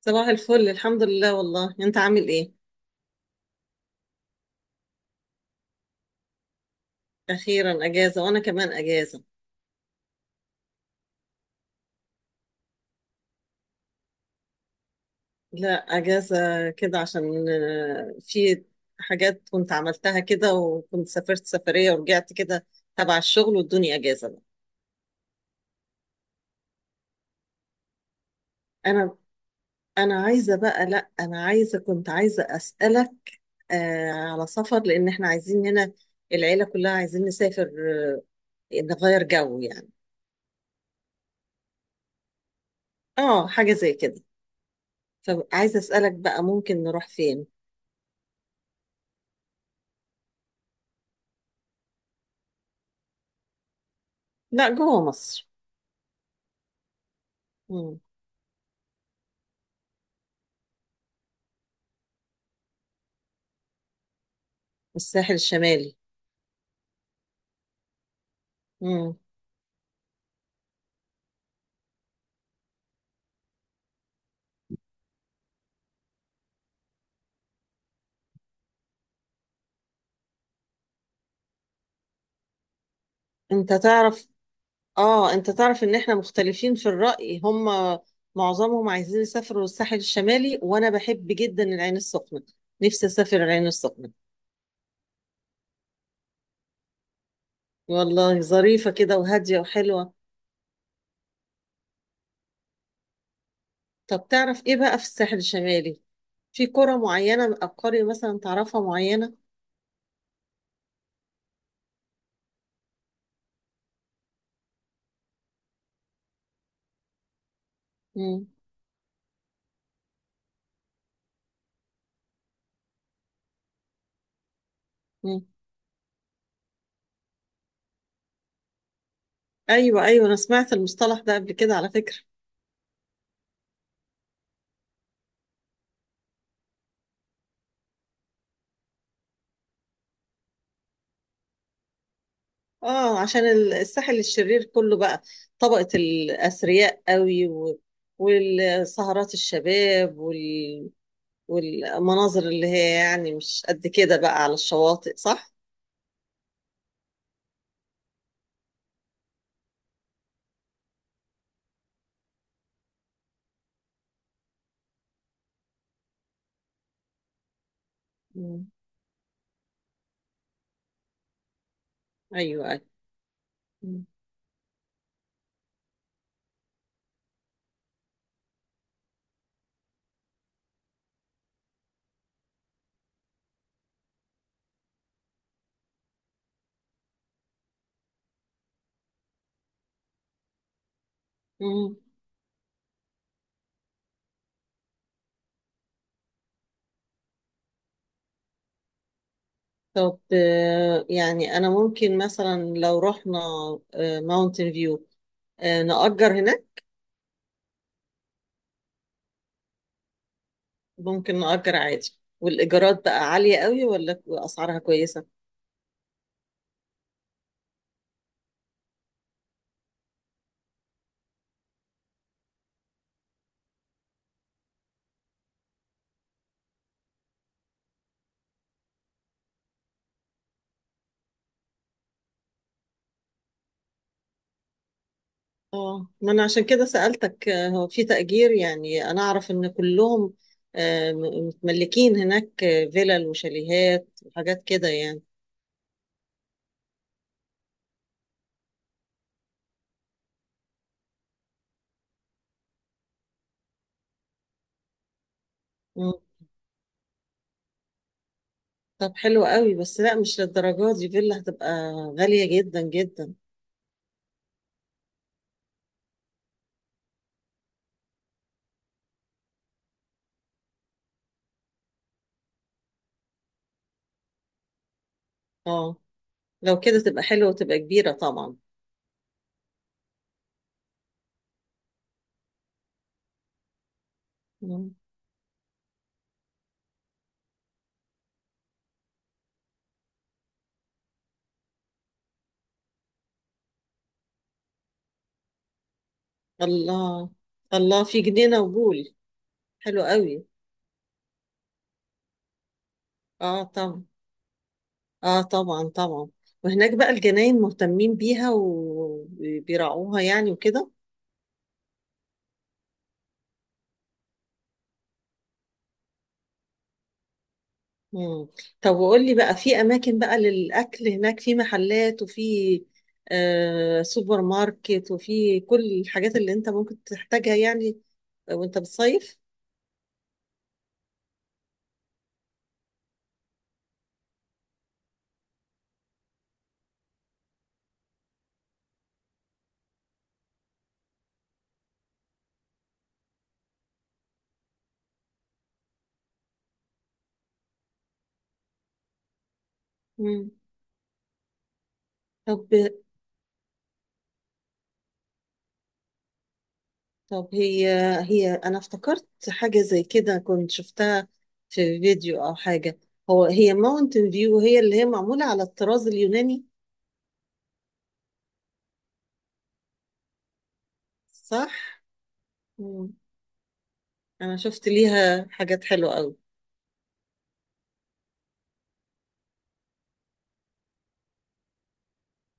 صباح الفل، الحمد لله. والله انت عامل ايه؟ اخيرا اجازه، وانا كمان اجازه. لا، اجازه كده عشان في حاجات كنت عملتها كده، وكنت سافرت سفريه ورجعت كده تبع الشغل والدنيا. اجازه بقى. انا انا عايزه بقى، لا انا عايزه، كنت عايزه اسالك على سفر، لان احنا عايزين هنا، العيله كلها عايزين نسافر، آه نغير جو يعني. اه، حاجه زي كده. فعايزه اسالك بقى، ممكن نروح فين؟ لا، جوه مصر. الساحل الشمالي. مم. انت تعرف اه انت تعرف ان احنا مختلفين في الرأي. هم معظمهم عايزين يسافروا الساحل الشمالي، وانا بحب جدا العين السخنة. نفسي اسافر العين السخنة. والله ظريفة كده، وهادية وحلوة. طب تعرف ايه بقى في الساحل الشمالي؟ في قرى معينة او قرية مثلا تعرفها معينة؟ مم. مم. ايوه، ايوه، انا سمعت المصطلح ده قبل كده على فكرة. اه، عشان الساحل الشرير كله بقى طبقة الأثرياء قوي، والسهرات الشباب، والمناظر اللي هي يعني مش قد كده بقى على الشواطئ، صح؟ مم. أيوة، أيوة. مم. مم. طب، يعني أنا ممكن مثلا لو رحنا ماونتن فيو، نأجر هناك. ممكن نأجر عادي. والإيجارات بقى عالية قوي ولا أسعارها كويسة؟ اه، ما انا عشان كده سألتك. هو في تأجير؟ يعني انا اعرف ان كلهم متملكين هناك، فيلل وشاليهات وحاجات كده يعني. مم. طب حلو قوي، بس لا، مش للدرجات دي. فيلا هتبقى غالية جدا جدا. اه، لو كده تبقى حلوة وتبقى كبيرة طبعا. مم. الله، الله، في جنينة وبول! حلو قوي. اه طبعا. اه طبعا طبعا. وهناك بقى الجناين مهتمين بيها وبيراعوها يعني وكده. مم. طب وقول لي بقى، في اماكن بقى للاكل هناك؟ في محلات، وفي سوبر ماركت، وفي كل الحاجات اللي انت ممكن تحتاجها يعني وانت بتصيف. مم. طب طب، هي انا افتكرت حاجة زي كده، كنت شفتها في فيديو او حاجة. هي ماونتن فيو هي اللي هي معمولة على الطراز اليوناني، صح؟ مم. انا شفت ليها حاجات حلوة قوي.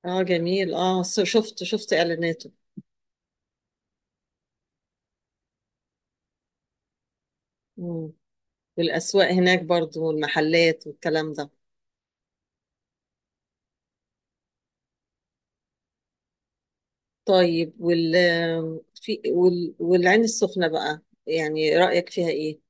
اه جميل. اه، شفت اعلاناته. مم. والأسواق هناك برضو، والمحلات والكلام ده. طيب، والعين السخنة بقى، يعني رأيك فيها إيه؟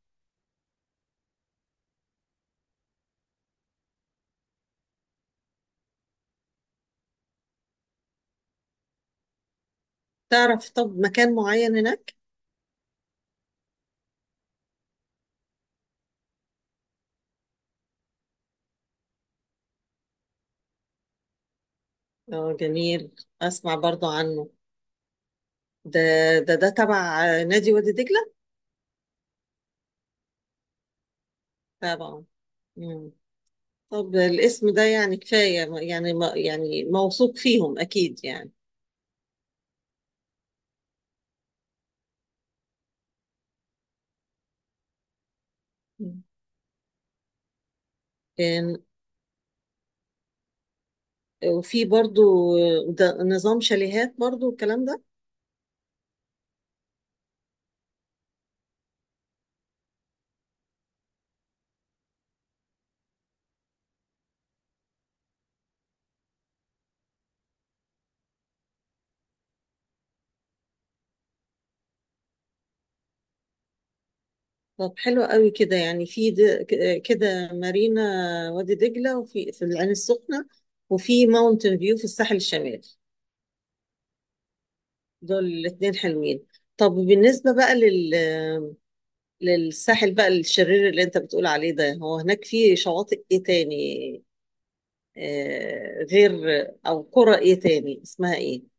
تعرف؟ طب، مكان معين هناك؟ اه جميل، أسمع برضو عنه ده. ده تبع نادي وادي دجلة؟ تبعه. مم. طب الاسم ده يعني كفاية يعني، يعني موثوق فيهم أكيد يعني. مم. كان- وفي برضو، ده نظام شاليهات برضو الكلام ده؟ طب حلو قوي كده يعني، في كده مارينا وادي دجلة، وفي العين السخنة، وفي ماونتن فيو في الساحل الشمالي. دول الاتنين حلوين. طب بالنسبة بقى للساحل بقى الشرير اللي انت بتقول عليه ده، هو هناك في شواطئ ايه تاني غير؟ او قرى ايه تاني اسمها ايه؟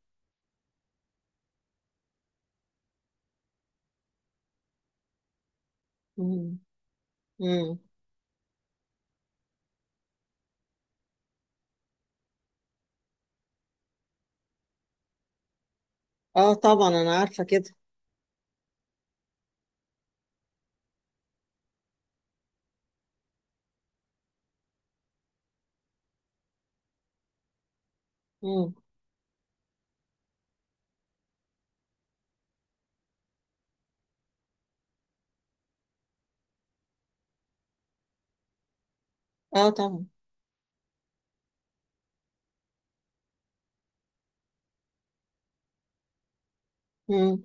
مم. مم. اه طبعا، انا عارفة كده. مم. اه طبعا. مم.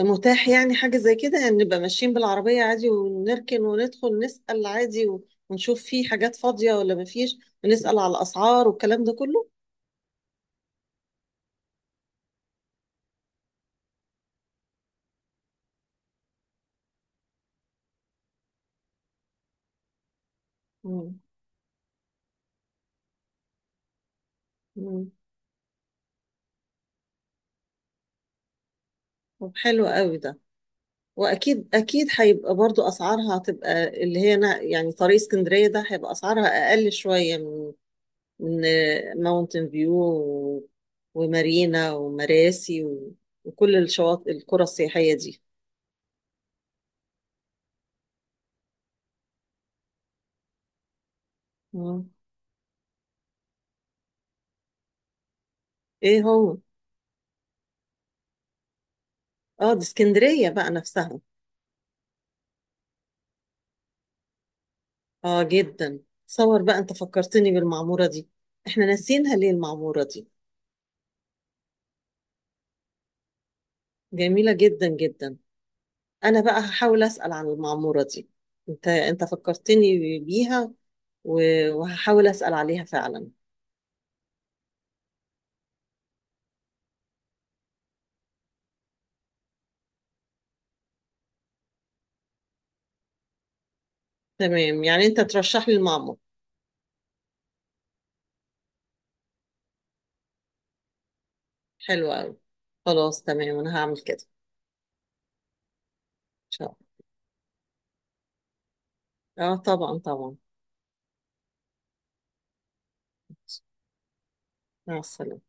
متاح يعني حاجة زي كده يعني، نبقى ماشيين بالعربية عادي ونركن وندخل نسأل عادي، ونشوف في حاجات فاضية ولا مفيش، ونسأل على الأسعار والكلام ده كله. مم. مم. طب حلو قوي ده، وأكيد أكيد هيبقى برضو أسعارها هتبقى اللي هي يعني طريق اسكندرية ده هيبقى أسعارها أقل شوية من ماونتن فيو ومارينا ومراسي وكل الشواطئ القرى السياحية دي. مم. إيه هو؟ اه، دي اسكندرية بقى نفسها؟ اه جدا. تصور بقى، انت فكرتني بالمعمورة دي. احنا ناسيينها ليه المعمورة دي؟ جميلة جدا جدا. انا بقى هحاول اسأل عن المعمورة دي. انت فكرتني بيها، وهحاول اسأل عليها فعلا. تمام يعني، انت ترشح لي المعمور. حلو قوي. خلاص، تمام، انا هعمل كده. ان شاء الله. اه طبعا طبعا. مع السلامة.